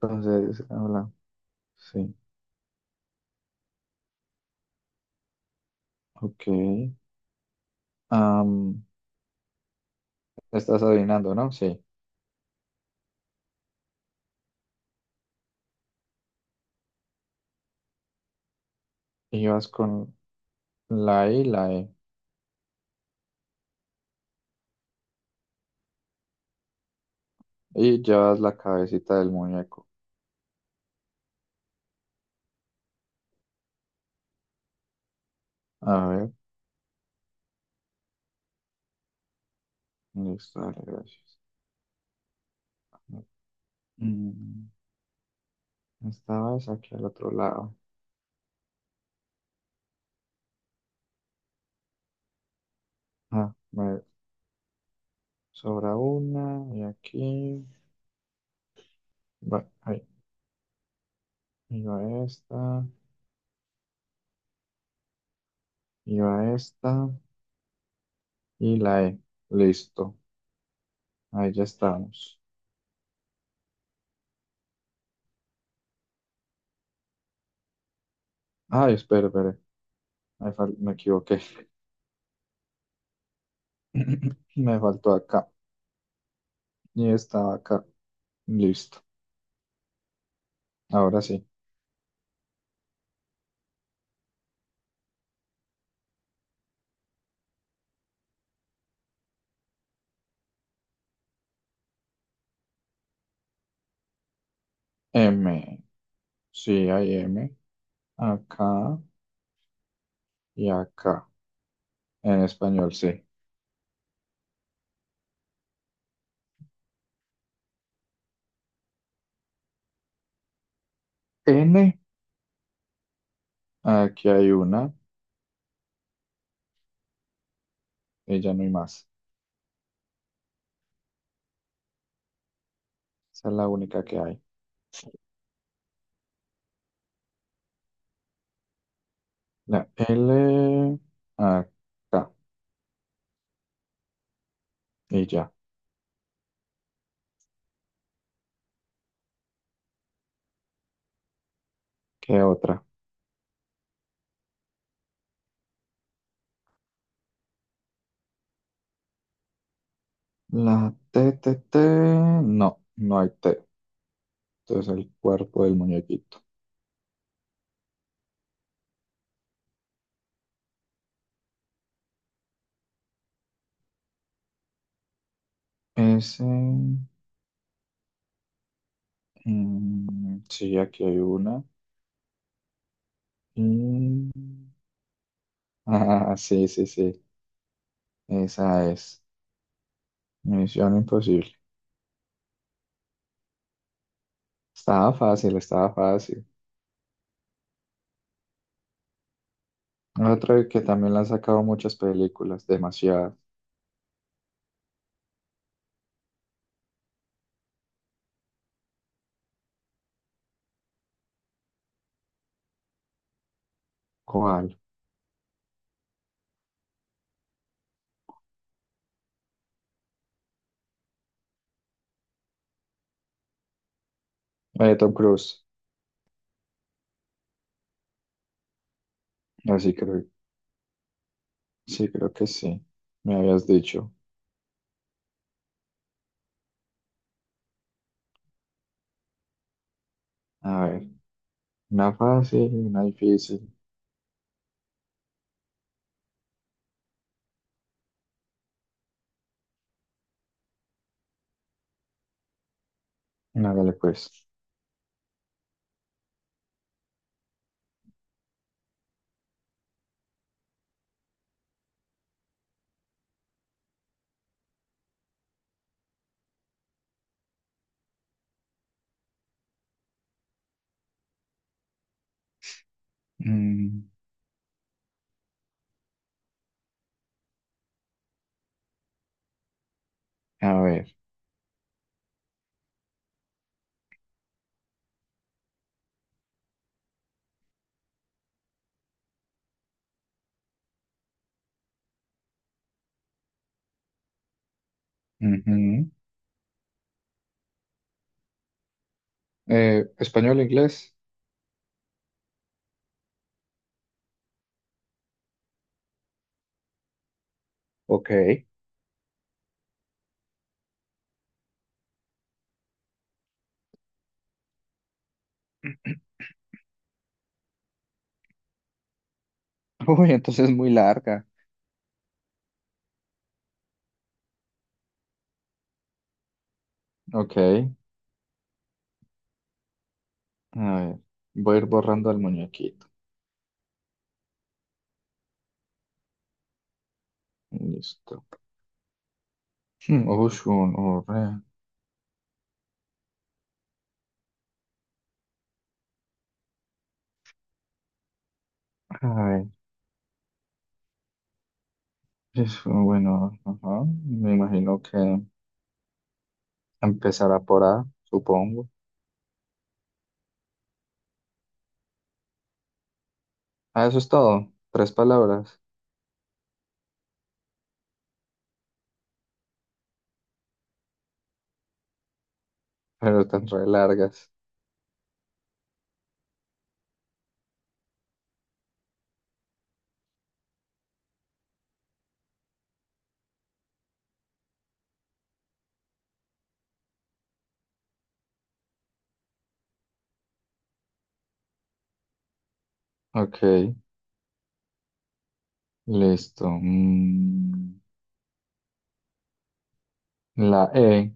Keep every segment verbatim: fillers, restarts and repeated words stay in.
Entonces, habla. Sí, ok. Am, estás adivinando, ¿no? Sí. Y vas con la I, la E. Y llevas la cabecita del muñeco. A ver, listo, dale, gracias. Mm, esta aquí al otro lado. Ah, me sobra una. Y aquí. Va, ahí. Y va esta. Y va esta. Y la E. Listo. Ahí ya estamos. Ay, espera, espera. Ahí fal- me equivoqué. Me faltó acá. Y estaba acá. Listo. Ahora sí. M. Sí, hay M. Acá y acá. En español, sí. N. Aquí hay una. Y ya no hay más. Esa es la única que hay. La L. Acá. Y ya. ¿Qué otra? La T, T, T. No, no hay T. Entonces el cuerpo del muñequito. S. Mm, sí, aquí hay una. Y... Ah, sí, sí, sí. Esa es. Misión Imposible. Estaba fácil, estaba fácil. Otra que también la han sacado muchas películas, demasiado. ¿Cuál? Eh, Tom Cruise. Así creo, sí, creo que sí. Me habías dicho. A ver, una fácil, una difícil. Hágale pues. Mm, a ver. Ujú. Eh, ¿español, inglés? Ok. Uy, entonces es muy larga. Ok. A ver. Voy a ir borrando al muñequito. Listo. Hmm, Ocean o Red. A ver, es bueno, ajá. Me imagino que empezará por A, supongo. Ah, eso es todo. Tres palabras, pero tan re largas. Ok, listo. Mm, la E.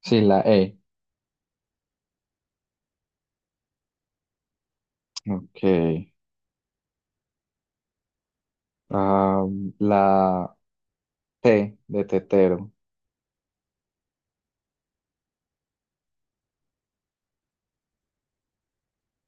Sí, la E. Ok. Ah, la T de tetero.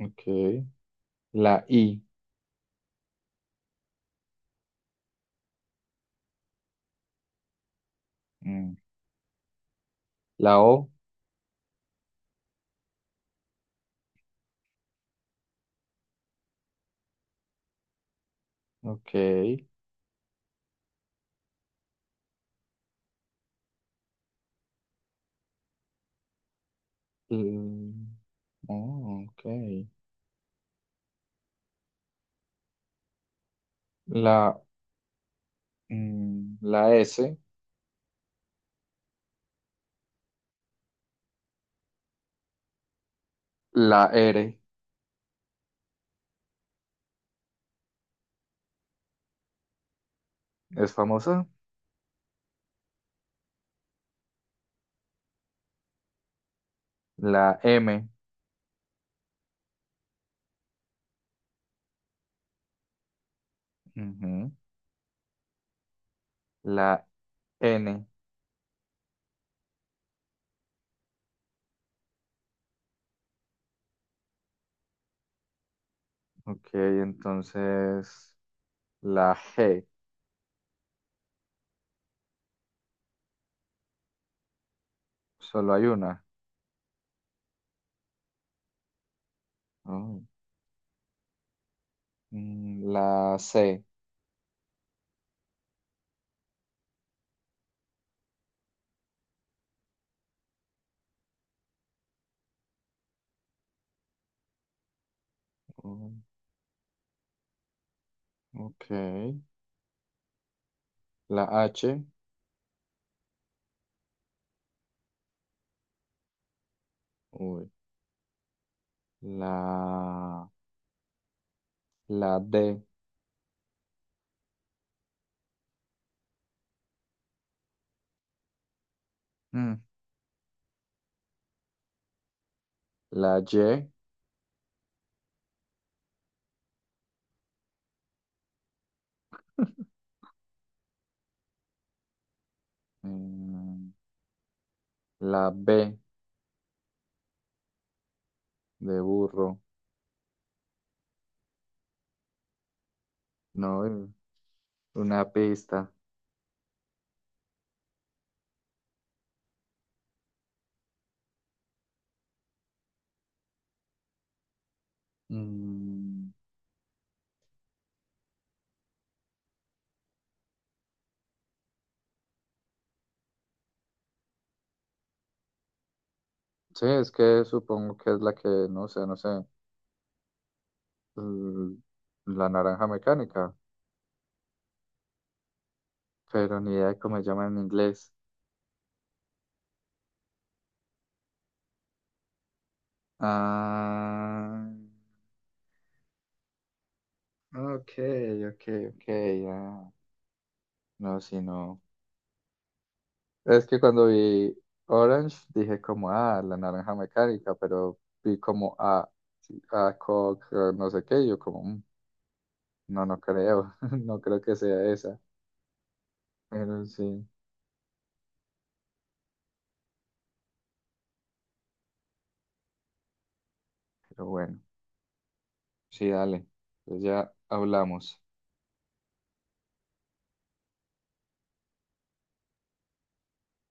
Ok. La I. Mm, la O. Ok. L- oh, ok. La mm, la S, la R es famosa, la M, ujú, la N, ok, entonces la G, solo hay una. Oh, mm, la C, oh, ok, la H, uy, la, la D, mm, la Y, mm, la B de burro, no, una pista. Mm, sí, es que supongo que es la que, no sé, no sé, l- la naranja mecánica, pero ni idea de cómo se llama en inglés. Ah, ok, ok, ok, ya. No, sí, no. Es que cuando vi Orange dije como, ah, la naranja mecánica, pero vi como, ah, sí, ah, Coke, ah, no sé qué, y yo como, "Mm, no, no creo, no creo que sea esa, pero sí, pero bueno, sí, dale, pues ya hablamos.